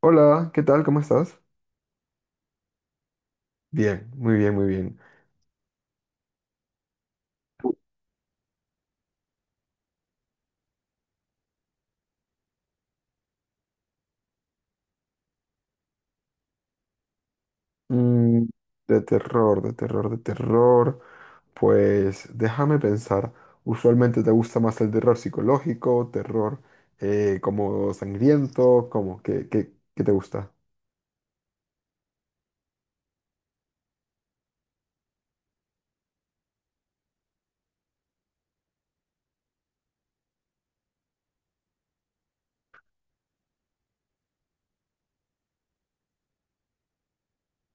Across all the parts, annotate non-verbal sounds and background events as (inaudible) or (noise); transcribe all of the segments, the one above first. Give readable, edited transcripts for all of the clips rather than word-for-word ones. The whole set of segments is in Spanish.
Hola, ¿qué tal? ¿Cómo estás? Bien, muy bien, muy bien. Mm, de terror, de terror, de terror. Pues déjame pensar. Usualmente te gusta más el terror psicológico, terror como sangriento, como ¿qué te gusta?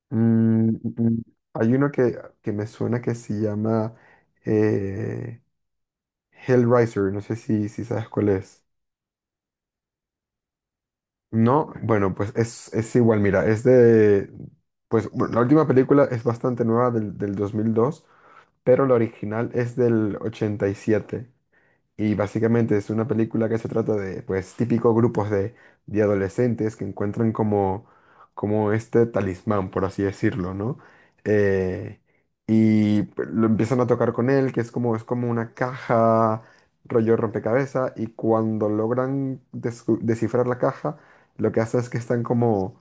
Mm, mm, mm. Hay uno que me suena que se llama eh, Hellraiser. No sé si sabes cuál es. No, bueno, pues es igual, mira, pues bueno, la última película es bastante nueva del 2002, pero la original es del 87. Y básicamente es una película que se trata de, pues, típicos grupos de adolescentes que encuentran como este talismán, por así decirlo, ¿no? Eh, y pues, lo empiezan a tocar con él, que es como una caja, rollo rompecabezas, y cuando logran descifrar la caja, lo que hace es que están como,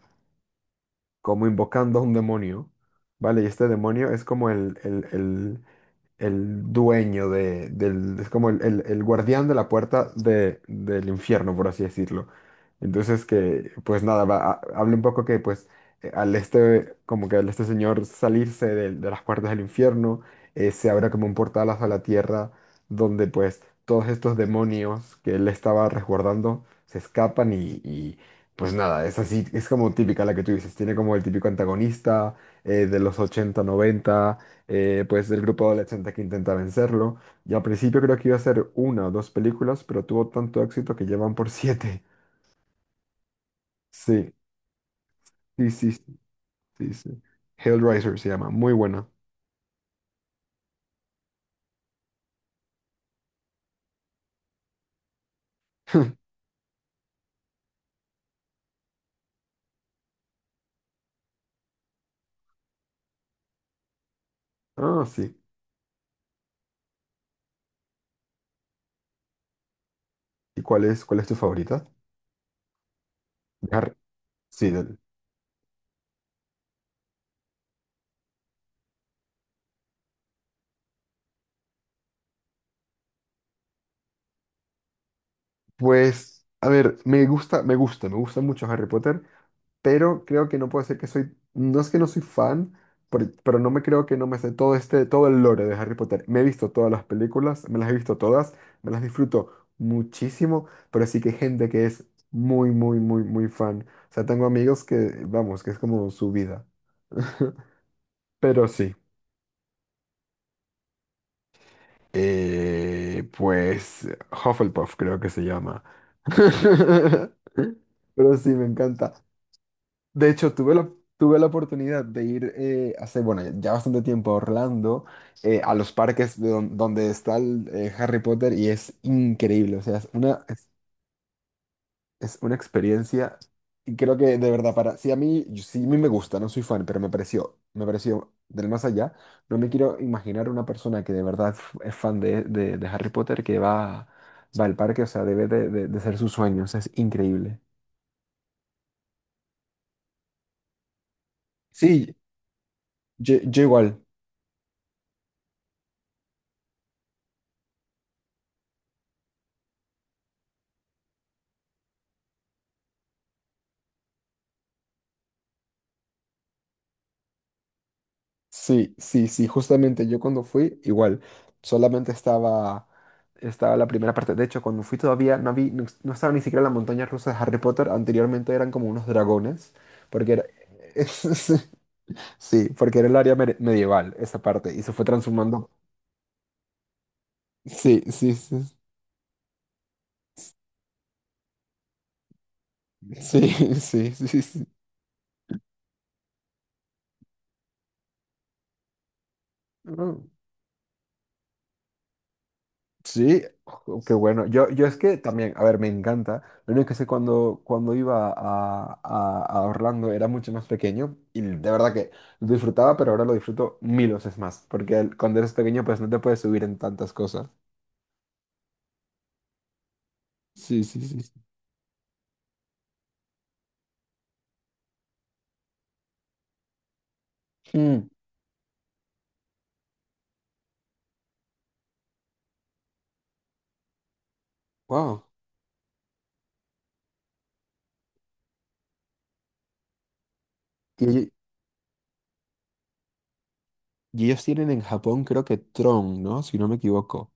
como invocando a un demonio, ¿vale? Y este demonio es como el dueño del, es como el guardián de la puerta del infierno, por así decirlo. Entonces que, pues nada, habla un poco que pues al este, como que al este señor salirse de las puertas del infierno, se abre como un portal hacia la tierra, donde pues todos estos demonios que él estaba resguardando se escapan y pues nada, es así, es como típica la que tú dices, tiene como el típico antagonista de los 80 noventa, pues del grupo adolescente que intenta vencerlo. Y al principio creo que iba a ser una o dos películas, pero tuvo tanto éxito que llevan por (laughs) siete. Sí, sí, sí, sí, sí, sí. Hellraiser se llama, muy buena. (laughs) Ah, sí. ¿Y cuál es tu favorita? De Harry. Sí, pues, a ver, me gusta mucho Harry Potter, pero creo que no puede ser que soy, no es que no soy fan, pero no me creo que no me sé todo el lore de Harry Potter. Me he visto todas las películas, me las he visto todas, me las disfruto muchísimo, pero sí que hay gente que es muy, muy, muy, muy fan. O sea, tengo amigos que, vamos, que es como su vida. (laughs) Pero sí, pues Hufflepuff creo que se llama. (laughs) Pero sí, me encanta. De hecho, tuve la oportunidad de ir hace, bueno, ya bastante tiempo a Orlando, a los parques de donde está el, Harry Potter y es increíble, o sea, es una experiencia y creo que de verdad, para, si a mí, sí a mí me gusta, no soy fan, pero me pareció del más allá. No me quiero imaginar una persona que de verdad es fan de Harry Potter que va, va al parque, o sea, debe de ser su sueño, o sea, es increíble. Sí, yo igual. Sí, sí, sí, justamente yo cuando fui, igual, solamente estaba, estaba la primera parte. De hecho, cuando fui todavía no vi, no, no estaba ni siquiera la montaña rusa de Harry Potter, anteriormente eran como unos dragones, porque era, (laughs) sí, porque era el área medieval, esa parte, y se fue transformando. Sí, sí, sí, sí, (laughs) sí, sí, sí, sí. Sí, jo, qué bueno. Yo es que también, a ver, me encanta. Lo único que sé cuando iba a Orlando era mucho más pequeño y de verdad que lo disfrutaba, pero ahora lo disfruto 1000 veces más, porque cuando eres pequeño pues no te puedes subir en tantas cosas. Sí, sí, sí, sí. Mm. Wow. Y, ell- y ellos tienen en Japón creo que Tron, ¿no? Si no me equivoco.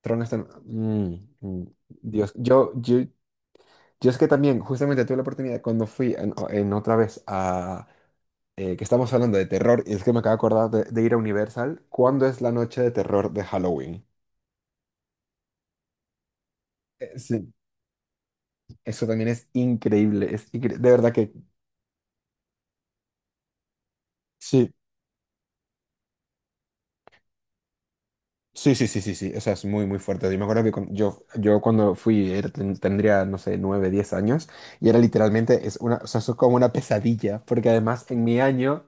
Tron está... mm. Dios, yo es que también justamente tuve la oportunidad cuando fui en otra vez, que estamos hablando de terror, y es que me acabo de acordar de ir a Universal. ¿Cuándo es la noche de terror de Halloween? Sí, eso también es increíble, de verdad que sí, sí, sí, sí, sí, sí, o sea, es muy, muy fuerte. Yo me acuerdo yo, yo cuando fui tendría, no sé, 9 10 años, y era literalmente, es una, o sea, eso es como una pesadilla, porque además en mi año...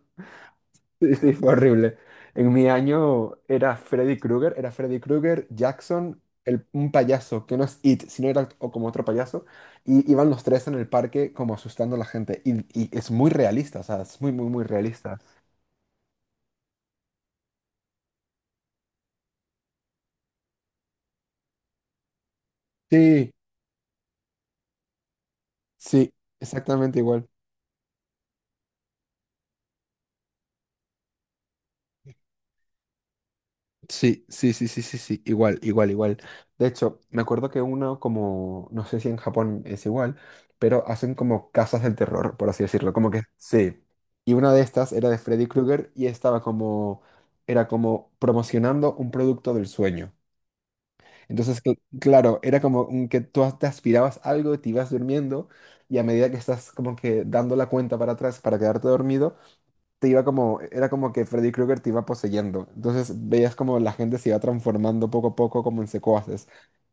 Sí, sí, fue horrible. En mi año era Freddy Krueger, Jackson, el, un payaso, que no es It, sino era o como otro payaso, y iban los tres en el parque como asustando a la gente. Y es muy realista, o sea, es muy, muy, muy realista. Sí, sí, exactamente igual. Sí, sí, sí, sí, sí, sí, igual, igual, igual. De hecho, me acuerdo que uno como, no sé si en Japón es igual, pero hacen como casas del terror, por así decirlo, como que sí. Y una de estas era de Freddy Krueger y era como promocionando un producto del sueño. Entonces, claro, era como un que tú te aspirabas algo, te ibas durmiendo y a medida que estás como que dando la cuenta para atrás para quedarte dormido, era como que Freddy Krueger te iba poseyendo. Entonces veías como la gente se iba transformando poco a poco como en secuaces.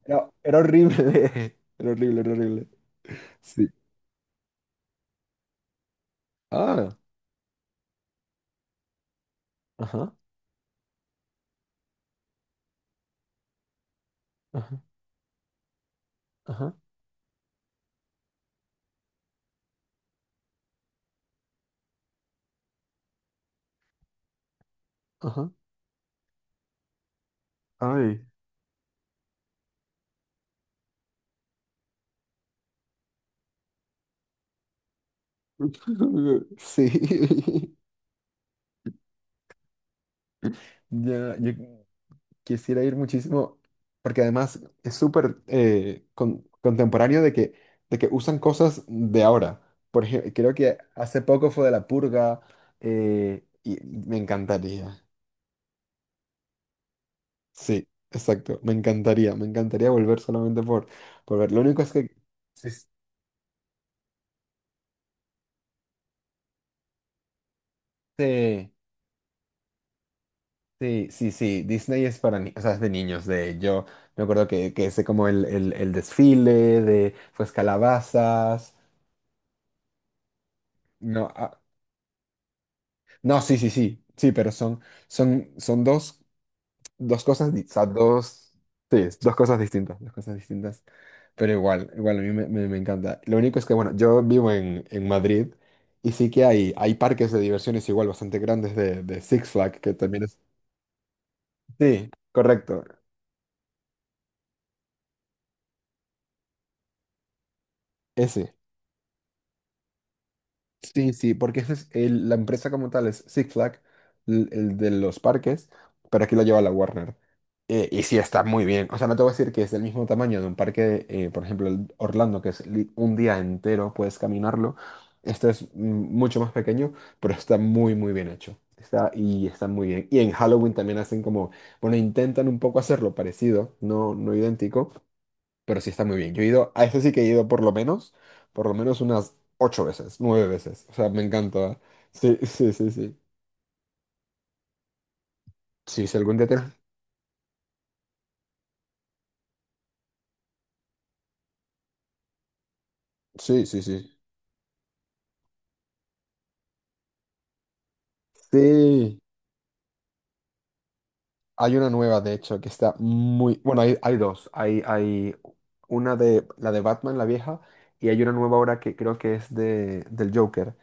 Era horrible. (laughs) Era horrible, era horrible. Sí. Ah, ajá, ajá, ajá, ajá. Ay. (laughs) Sí. (laughs) Ya, yo, quisiera ir muchísimo, porque además es súper contemporáneo de que usan cosas de ahora. Por ejemplo, creo que hace poco fue de La Purga, y me encantaría. Sí, exacto, me encantaría volver solamente por ver. Lo único es que... Sí, sí, sí, sí, sí, Disney es para o sea, es de niños. De yo me acuerdo que hice como el desfile de pues calabazas. No, ah. No, sí, sí, sí, sí, pero son, son dos, o sea, dos, sí, es dos cosas distintas, pero igual, igual a me encanta. Lo único es que, bueno, yo vivo en Madrid y sí que hay parques de diversiones igual bastante grandes de Six Flags, que también es... Sí, correcto, ese. Sí, sí, porque esa es la empresa como tal es Six Flag, de los parques, pero aquí la lleva la Warner. Y sí, está muy bien. O sea, no te voy a decir que es del mismo tamaño de un parque, por ejemplo, el Orlando, que es un día entero, puedes caminarlo. Este es mucho más pequeño, pero está muy, muy bien hecho. Está, y está muy bien. Y en Halloween también hacen como, bueno, intentan un poco hacerlo parecido, no, no idéntico, pero sí está muy bien. Yo he ido, a ese sí que he ido por lo menos unas ocho veces, nueve veces. O sea, me encanta. Sí, sí, sí, sí. Sí, si algún día tienes... Sí, sí, sí. Sí. Hay una nueva, de hecho, que está muy... Bueno, hay dos. Hay una de la de Batman, la vieja, y hay una nueva ahora que creo que es del Joker.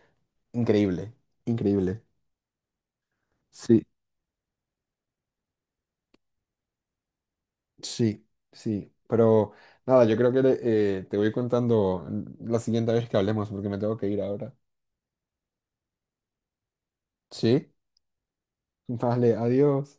Increíble, increíble. Sí, sí, sí. Pero nada, yo creo que te voy contando la siguiente vez que hablemos, porque me tengo que ir ahora. Sí, vale, adiós.